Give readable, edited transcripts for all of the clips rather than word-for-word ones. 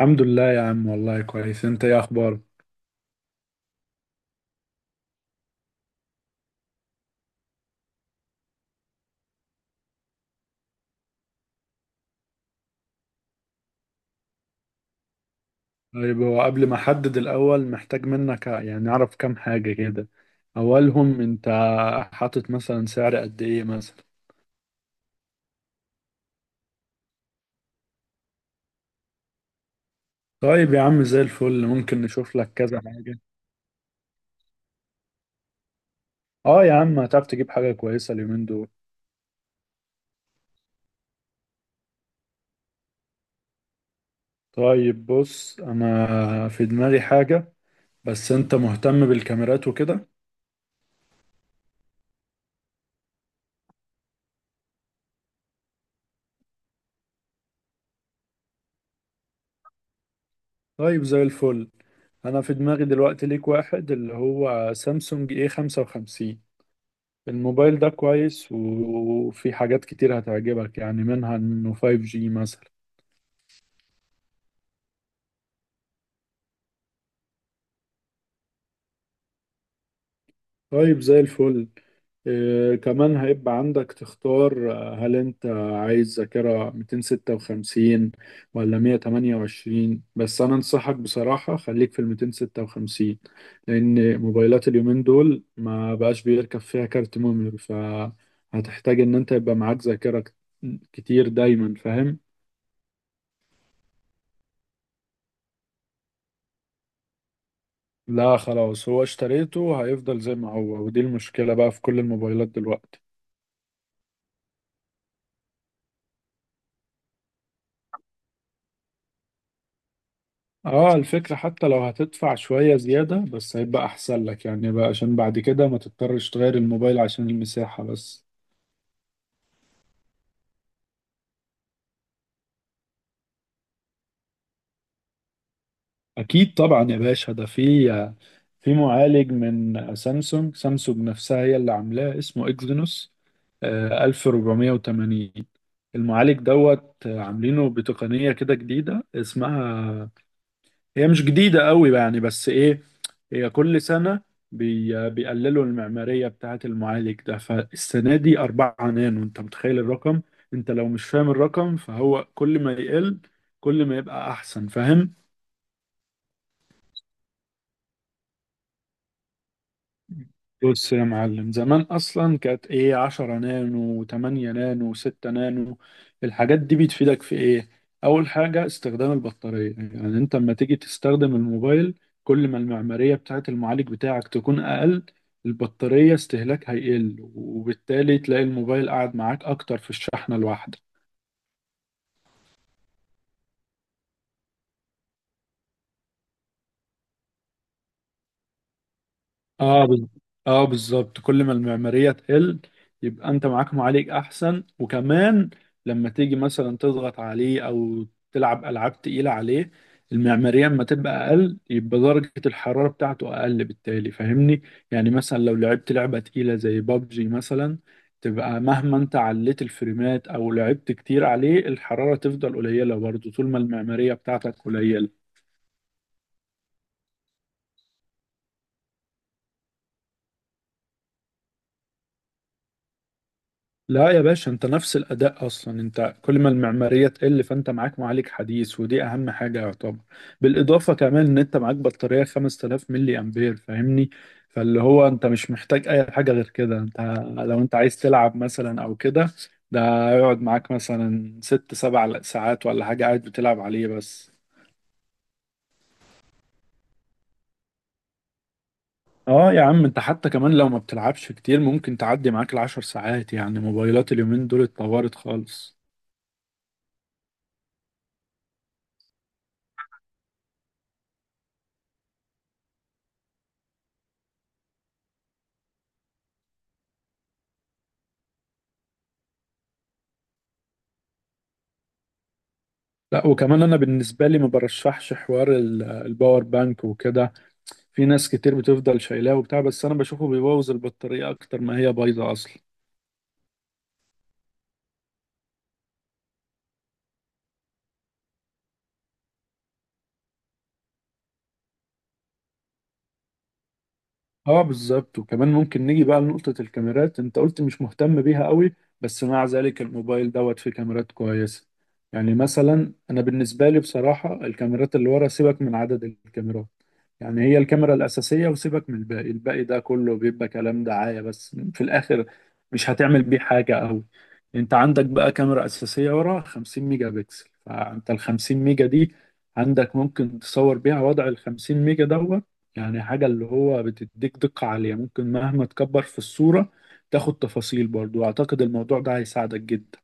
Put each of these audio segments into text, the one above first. الحمد لله يا عم، والله كويس. انت ايه اخبارك؟ طيب هو قبل ما احدد، الاول محتاج منك يعني اعرف كام حاجة كده. اولهم انت حاطط مثلا سعر قد ايه مثلا؟ طيب يا عم زي الفل، ممكن نشوف لك كذا حاجة. اه يا عم، هتعرف تجيب حاجة كويسة اليومين دول. طيب بص، انا في دماغي حاجة، بس انت مهتم بالكاميرات وكده؟ طيب زي الفل، انا في دماغي دلوقتي ليك واحد اللي هو سامسونج اي 55. الموبايل ده كويس وفي حاجات كتير هتعجبك، يعني منها انه 5G مثلا. طيب زي الفل. آه كمان هيبقى عندك تختار هل انت عايز ذاكرة 256 ولا 128؟ بس انا انصحك بصراحة خليك في ال 256، لان موبايلات اليومين دول ما بقاش بيركب فيها كارت ميموري، فهتحتاج ان انت يبقى معاك ذاكرة كتير دايما، فاهم؟ لا خلاص، هو اشتريته هيفضل زي ما هو، ودي المشكلة بقى في كل الموبايلات دلوقتي. اه الفكرة حتى لو هتدفع شوية زيادة، بس هيبقى احسن لك يعني بقى، عشان بعد كده ما تضطرش تغير الموبايل عشان المساحة بس. اكيد طبعا يا باشا، ده في معالج من سامسونج نفسها هي اللي عاملاه، اسمه اكزينوس آه 1480. المعالج دوت آه، عاملينه بتقنية كده جديدة، اسمها، هي مش جديدة قوي يعني، بس ايه، هي كل سنة بيقللوا المعمارية بتاعة المعالج ده. فالسنة دي أربعة نانو. أنت متخيل الرقم؟ أنت لو مش فاهم الرقم، فهو كل ما يقل كل ما يبقى أحسن، فاهم؟ بص يا معلم، زمان اصلا كانت ايه، 10 نانو، 8 نانو، 6 نانو. الحاجات دي بتفيدك في ايه؟ اول حاجه استخدام البطاريه، يعني انت لما تيجي تستخدم الموبايل، كل ما المعماريه بتاعه المعالج بتاعك تكون اقل، البطاريه استهلاك هيقل، وبالتالي تلاقي الموبايل قاعد معاك اكتر في الشحنه الواحده. اه بال- اه بالظبط، كل ما المعماريه تقل، يبقى انت معاك معالج احسن. وكمان لما تيجي مثلا تضغط عليه او تلعب العاب تقيله عليه، المعماريه اما تبقى اقل يبقى درجه الحراره بتاعته اقل، بالتالي فاهمني؟ يعني مثلا لو لعبت لعبه تقيله زي بابجي مثلا، تبقى مهما انت عليت الفريمات او لعبت كتير عليه، الحراره تفضل قليله برضه طول ما المعماريه بتاعتك قليله. لا يا باشا، انت نفس الاداء. اصلا انت كل ما المعماريه تقل، فانت معاك معالج حديث، ودي اهم حاجه يعتبر. بالاضافه كمان ان انت معاك بطاريه 5000 ملي امبير، فاهمني؟ فاللي هو انت مش محتاج اي حاجه غير كده. انت لو انت عايز تلعب مثلا او كده، ده يقعد معاك مثلا ست سبع ساعات ولا حاجه، قاعد بتلعب عليه بس. اه يا عم، انت حتى كمان لو ما بتلعبش كتير، ممكن تعدي معاك العشر ساعات. يعني موبايلات اليومين دول اتطورت خالص. لا وكمان انا بالنسبه لي ما برشحش حوار الباور بانك وكده. في ناس كتير بتفضل شايلاه وبتاع، بس انا بشوفه بيبوظ البطاريه اكتر ما هي بايظه اصلا. اه بالظبط. وكمان ممكن نيجي بقى لنقطة الكاميرات. انت قلت مش مهتم بيها قوي، بس مع ذلك الموبايل فيه كاميرات كويسة. يعني مثلا انا بالنسبة لي بصراحة، الكاميرات اللي ورا سيبك من عدد الكاميرات، يعني هي الكاميرا الأساسية، وسيبك من الباقي. الباقي ده كله بيبقى كلام دعاية بس، في الآخر مش هتعمل بيه حاجة قوي. انت عندك بقى كاميرا أساسية ورا 50 ميجا بكسل، فانت ال 50 ميجا دي عندك ممكن تصور بيها وضع ال 50 ميجا يعني حاجة اللي هو بتديك دقة عالية، ممكن مهما تكبر في الصورة تاخد تفاصيل برضو. أعتقد الموضوع ده هيساعدك جدا.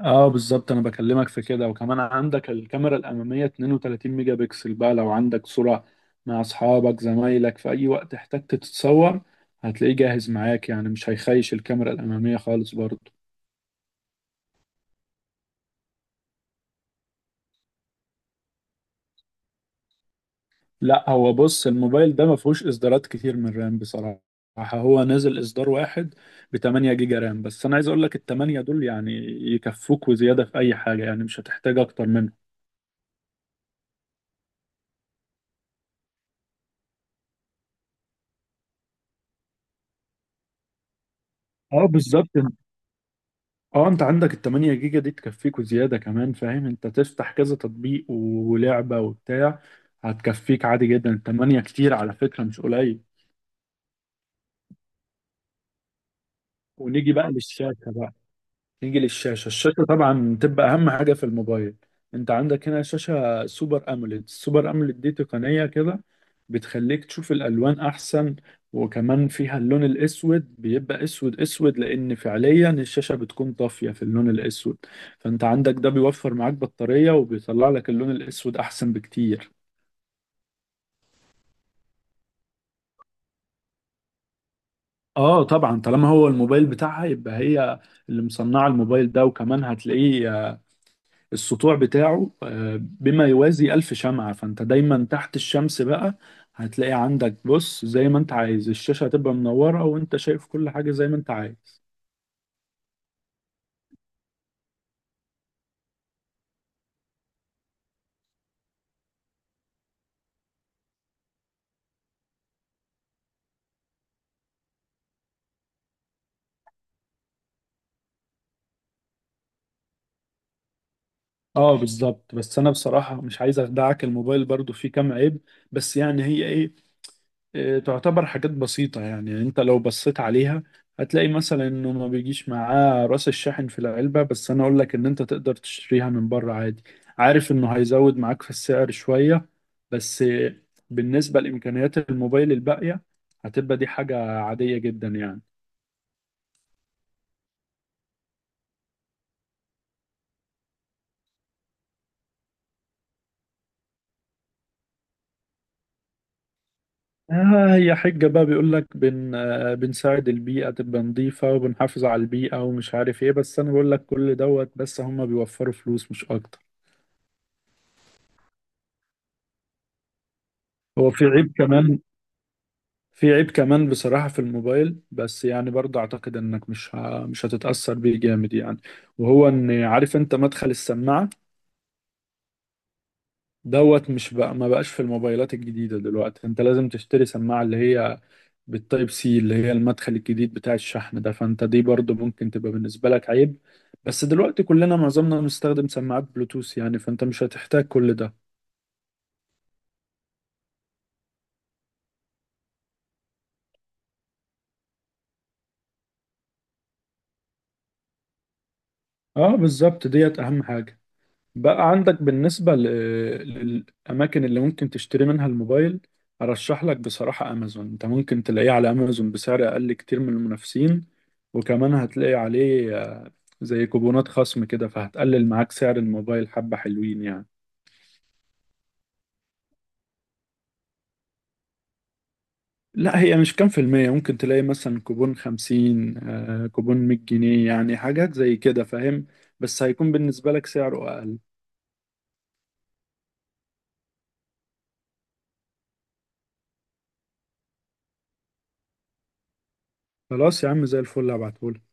اه بالظبط، انا بكلمك في كده. وكمان عندك الكاميرا الاماميه 32 ميجا بكسل، بقى لو عندك صوره مع اصحابك زمايلك في اي وقت احتجت تتصور، هتلاقيه جاهز معاك، يعني مش هيخيش الكاميرا الاماميه خالص برضو. لا هو بص، الموبايل ده ما فيهوش اصدارات كتير من رام بصراحة، هو نازل اصدار واحد ب 8 جيجا رام. بس انا عايز اقول لك ال 8 دول يعني يكفوك وزيادة في اي حاجة، يعني مش هتحتاج اكتر منه. اه بالظبط، اه انت عندك ال 8 جيجا دي تكفيك وزيادة كمان، فاهم انت تفتح كذا تطبيق ولعبة وبتاع، هتكفيك عادي جدا. ال 8 كتير على فكرة، مش قليل. ونيجي بقى للشاشة بقى. نيجي للشاشة الشاشة طبعا تبقى أهم حاجة في الموبايل. أنت عندك هنا شاشة سوبر أموليد. السوبر أموليد دي تقنية كده بتخليك تشوف الألوان أحسن، وكمان فيها اللون الأسود بيبقى أسود أسود، لأن فعليا الشاشة بتكون طافية في اللون الأسود، فأنت عندك ده بيوفر معاك بطارية، وبيطلع لك اللون الأسود أحسن بكتير. اه طبعا، طالما هو الموبايل بتاعها يبقى هي اللي مصنعه الموبايل ده. وكمان هتلاقيه السطوع بتاعه بما يوازي ألف شمعة، فأنت دايما تحت الشمس بقى هتلاقي عندك، بص، زي ما أنت عايز، الشاشة هتبقى منورة وأنت شايف كل حاجة زي ما أنت عايز. اه بالظبط، بس أنا بصراحة مش عايز أخدعك، الموبايل برضو فيه كام عيب، بس يعني هي إيه، تعتبر حاجات بسيطة. يعني انت لو بصيت عليها، هتلاقي مثلا انه ما بيجيش معاه راس الشاحن في العلبة، بس انا اقول لك ان انت تقدر تشتريها من بره عادي. عارف انه هيزود معاك في السعر شوية، بس بالنسبة لإمكانيات الموبايل الباقية، هتبقى دي حاجة عادية جدا يعني. آه هي حجة بقى، بيقول لك بن آه، بنساعد البيئة تبقى نظيفة، وبنحافظ على البيئة ومش عارف ايه، بس انا بقول لك كل بس هم بيوفروا فلوس مش اكتر. هو في عيب كمان في عيب كمان بصراحة في الموبايل، بس يعني برضه أعتقد إنك مش هتتأثر بيه جامد يعني. وهو إن، عارف أنت مدخل السماعة مش بقى ما بقاش في الموبايلات الجديدة دلوقتي. أنت لازم تشتري سماعة اللي هي بالتايب سي، اللي هي المدخل الجديد بتاع الشحن ده. فأنت دي برضه ممكن تبقى بالنسبة لك عيب، بس دلوقتي كلنا معظمنا بنستخدم سماعات بلوتوث يعني، فأنت مش هتحتاج كل ده. اه بالظبط، ديت أهم حاجة. بقى عندك بالنسبة للأماكن اللي ممكن تشتري منها الموبايل، أرشح لك بصراحة أمازون. أنت ممكن تلاقيه على أمازون بسعر أقل كتير من المنافسين، وكمان هتلاقي عليه زي كوبونات خصم كده، فهتقلل معاك سعر الموبايل حبة، حلوين يعني. لا هي مش كام في المية، ممكن تلاقي مثلا كوبون خمسين، كوبون مية جنيه، يعني حاجات زي كده فاهم. بس هيكون بالنسبة لك سعره أقل. خلاص يا عم زي الفل، هبعتهولك.